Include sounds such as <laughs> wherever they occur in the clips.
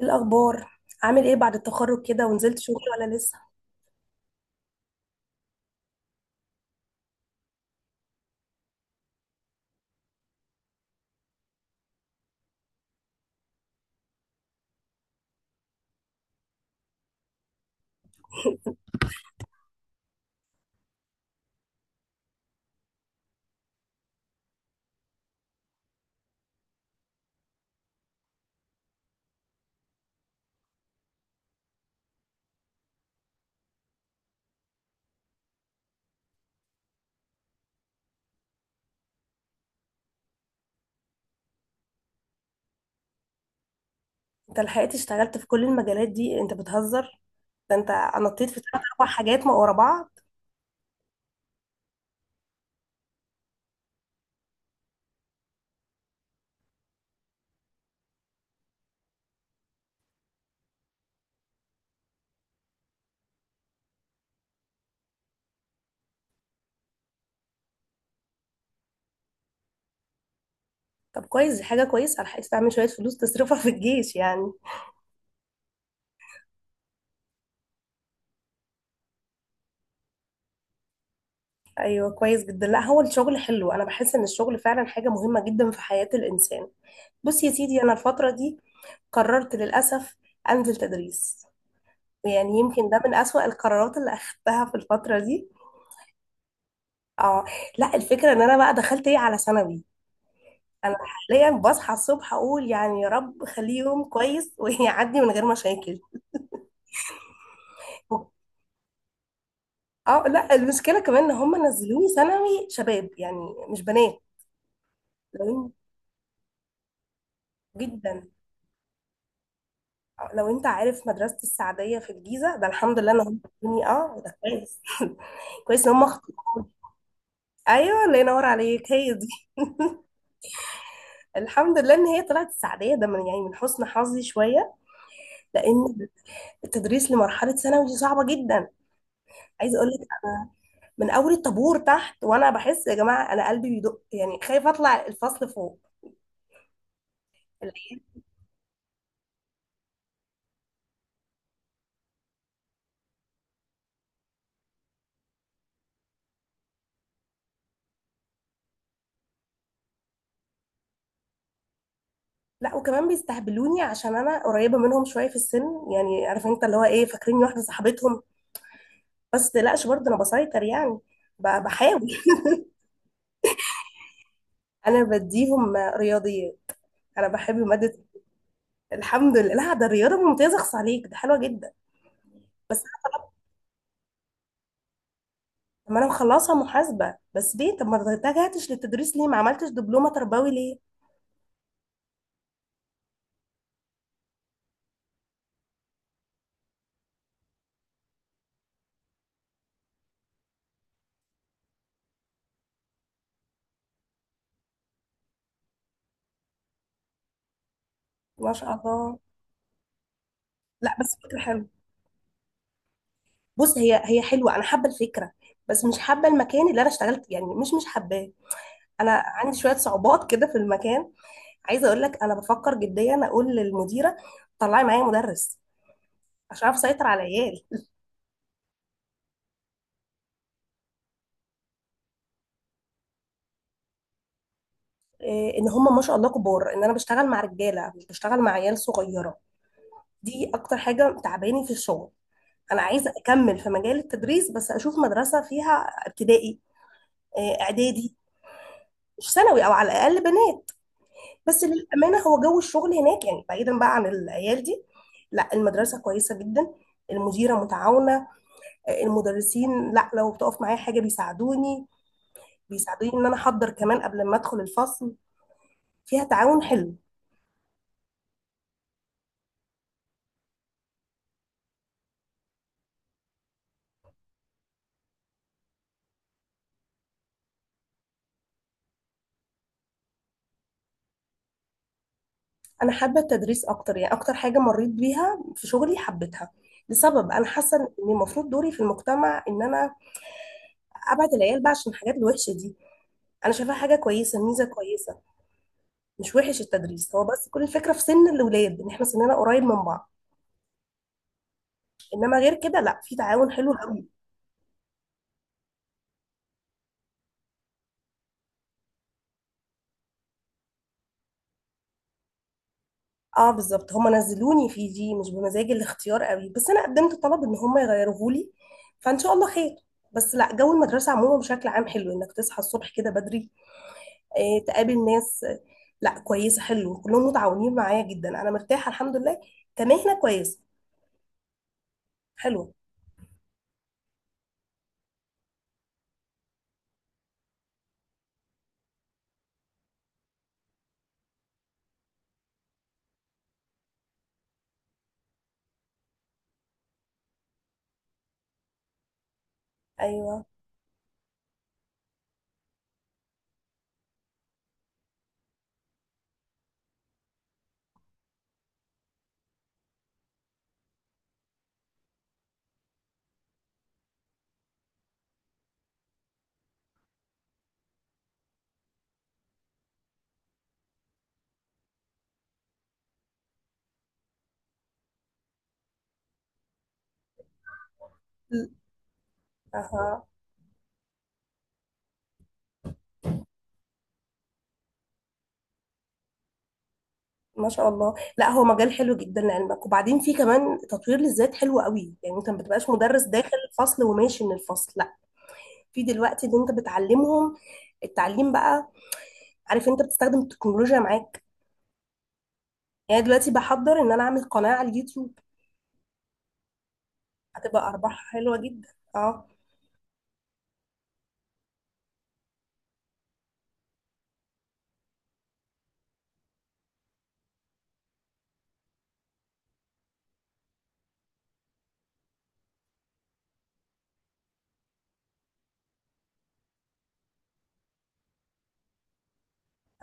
إيه الأخبار؟ عامل ايه بعد التخرج كده؟ ونزلت شغل ولا لسه؟ انت لحقت اشتغلت في كل المجالات دي؟ انت بتهزر، ده انت نطيت في ثلاث اربع حاجات ما ورا بعض. طب كويس، دي حاجة كويسة، لحقت تعمل شوية فلوس تصرفها في الجيش يعني. ايوه كويس جدا. لا هو الشغل حلو، انا بحس ان الشغل فعلا حاجة مهمة جدا في حياة الإنسان. بص يا سيدي، انا الفترة دي قررت للأسف انزل تدريس. يعني يمكن ده من أسوأ القرارات اللي أخدتها في الفترة دي. اه، لا الفكرة ان انا بقى دخلت ايه، على ثانوي. انا حاليا بصحى الصبح اقول يعني يا رب خليه يوم كويس <laughs> ويعدي من غير مشاكل. اه، لا المشكله كمان ان هم نزلوني ثانوي شباب يعني مش بنات. لو إن- جدا. لو انت عارف مدرسه السعديه في الجيزه، ده الحمد لله ان هم خدوني، اه ده كويس <laughs> كويس ان هم اخطوا. ايوه الله ينور عليك، هي دي. الحمد لله ان هي طلعت السعديه، ده من يعني من حسن حظي شويه. لان التدريس لمرحله ثانوي دي صعبه جدا. عايزه اقول لك، من اول الطابور تحت وانا بحس يا جماعه انا قلبي بيدق، يعني خايفه اطلع الفصل فوق. العيال لا وكمان بيستهبلوني عشان انا قريبه منهم شويه في السن. يعني عارف انت اللي هو ايه، فاكريني واحده صاحبتهم. بس متقلقش برضه انا بسيطر يعني، بحاول. <laughs> انا بديهم رياضيات، انا بحب ماده. الحمد لله، لا ده الرياضه ممتازه، اخص عليك، ده حلوه جدا. بس طب ما انا مخلصها محاسبه، بس ليه طب ما اتجهتش للتدريس؟ ليه ما عملتش دبلومه تربوي ليه؟ ما شاء الله. لا بس فكره حلوه. بص، هي هي حلوه، انا حابه الفكره، بس مش حابه المكان اللي انا اشتغلت يعني، مش حباه. انا عندي شويه صعوبات كده في المكان. عايزه اقول لك، انا بفكر جديا اقول للمديره طلعي معايا مدرس عشان اعرف اسيطر على العيال. إيه ان هم ما شاء الله كبار، ان انا بشتغل مع رجاله مش بشتغل مع عيال صغيره. دي اكتر حاجه تعباني في الشغل. انا عايزه اكمل في مجال التدريس، بس اشوف مدرسه فيها ابتدائي، إيه اعدادي، مش ثانوي، او على الاقل بنات. بس للأمانة هو جو الشغل هناك، يعني بعيدا بقى عن العيال دي، لا المدرسة كويسة جدا. المديرة متعاونة، المدرسين لا لو بتقف معايا حاجة بيساعدوني ان انا احضر كمان قبل ما ادخل الفصل. فيها تعاون حلو. انا حابة التدريس اكتر، يعني اكتر حاجة مريت بيها في شغلي حبيتها. لسبب انا حاسة ان المفروض دوري في المجتمع ان انا ابعد العيال بقى عشان الحاجات الوحشة دي. انا شايفاها حاجة كويسة، ميزة كويسة. مش وحش التدريس، هو بس كل الفكرة في سن الاولاد ان احنا سننا قريب من بعض. انما غير كده لا في تعاون حلو قوي. اه بالظبط، هم نزلوني في دي مش بمزاج الاختيار قوي، بس انا قدمت طلب ان هم يغيروه لي، فان شاء الله خير. بس لا جو المدرسه عموما بشكل عام حلو، انك تصحى الصبح كده بدري، آه تقابل ناس، آه لا كويسه، حلو، كلهم متعاونين معايا جدا، انا مرتاحه الحمد لله. كمهنه كويسه، حلوه. ايوه. ل- اها، ما شاء الله، لا هو مجال حلو جدا لعلمك. وبعدين في كمان تطوير للذات حلو قوي، يعني انت ما بتبقاش مدرس داخل الفصل وماشي من الفصل. في دلوقتي اللي انت بتعلمهم التعليم بقى، عارف انت بتستخدم التكنولوجيا معاك. يعني دلوقتي بحضر ان انا اعمل قناة على اليوتيوب. هتبقى ارباحها حلوة جدا. اه.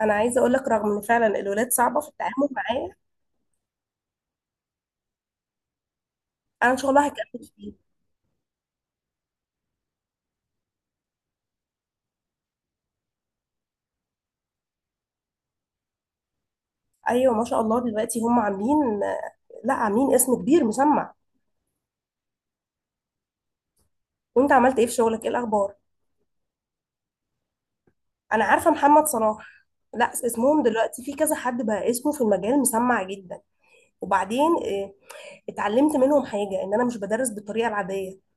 انا عايزة اقول لك رغم ان فعلا الولاد صعبة في التعامل معايا، انا ان شاء الله هكمل فيه. ايوه ما شاء الله دلوقتي هم عاملين، لا عاملين اسم كبير مسمع. وانت عملت ايه في شغلك؟ ايه الاخبار؟ انا عارفة محمد صلاح. لا اسمهم دلوقتي، في كذا حد بقى اسمه في المجال مسمع جدا. وبعدين اتعلمت منهم حاجة ان انا مش بدرس بالطريقة العادية.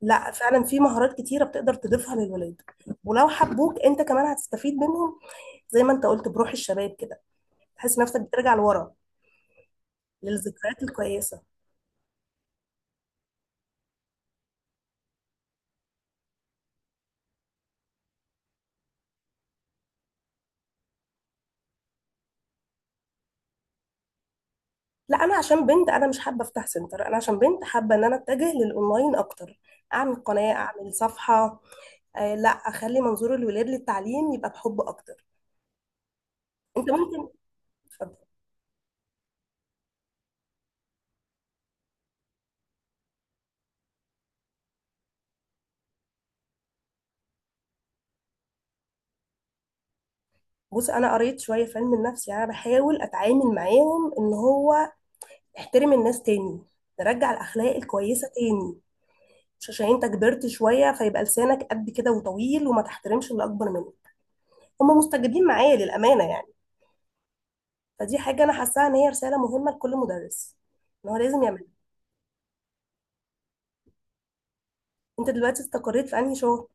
لا فعلا في مهارات كتيرة بتقدر تضيفها للولاد. ولو حبوك انت كمان هتستفيد منهم. زي ما انت قلت، بروح الشباب كده تحس نفسك بترجع لورا للذكريات الكويسة. لا انا عشان بنت انا مش حابة افتح سنتر، انا عشان بنت حابة ان انا اتجه للاونلاين اكتر. اعمل قناة، اعمل صفحة، آه لا اخلي منظور الولاد للتعليم يبقى بحب اكتر. انت ممكن، اتفضل. بص انا قريت شوية في علم النفس، يعني انا بحاول اتعامل معاهم ان هو احترم الناس تاني، نرجع الاخلاق الكويسة تاني. مش عشان انت كبرت شوية فيبقى لسانك قد كده وطويل وما تحترمش اللي اكبر منك. هم مستجيبين معايا للأمانة يعني. فدي حاجة انا حاساها ان هي رسالة مهمة لكل مدرس ان هو لازم يعملها. انت دلوقتي استقريت في انهي شغل؟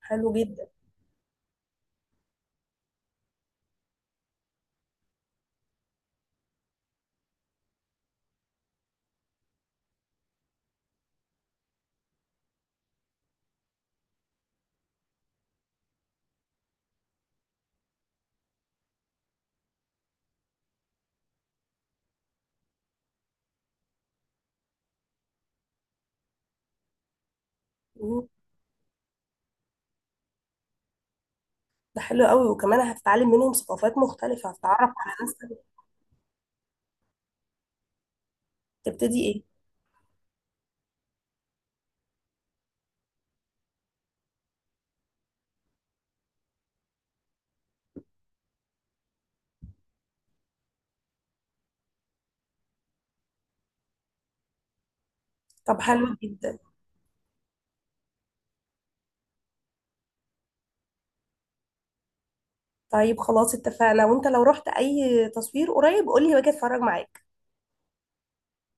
حلو جدا. مم. ده حلو قوي، وكمان هتتعلم منهم ثقافات مختلفة، هتتعرف على ناس تانية. تبتدي ايه؟ طب حلو جدا. طيب خلاص اتفقنا، وانت لو رحت اي تصوير قريب قولي باجي اتفرج معاك.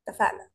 اتفقنا.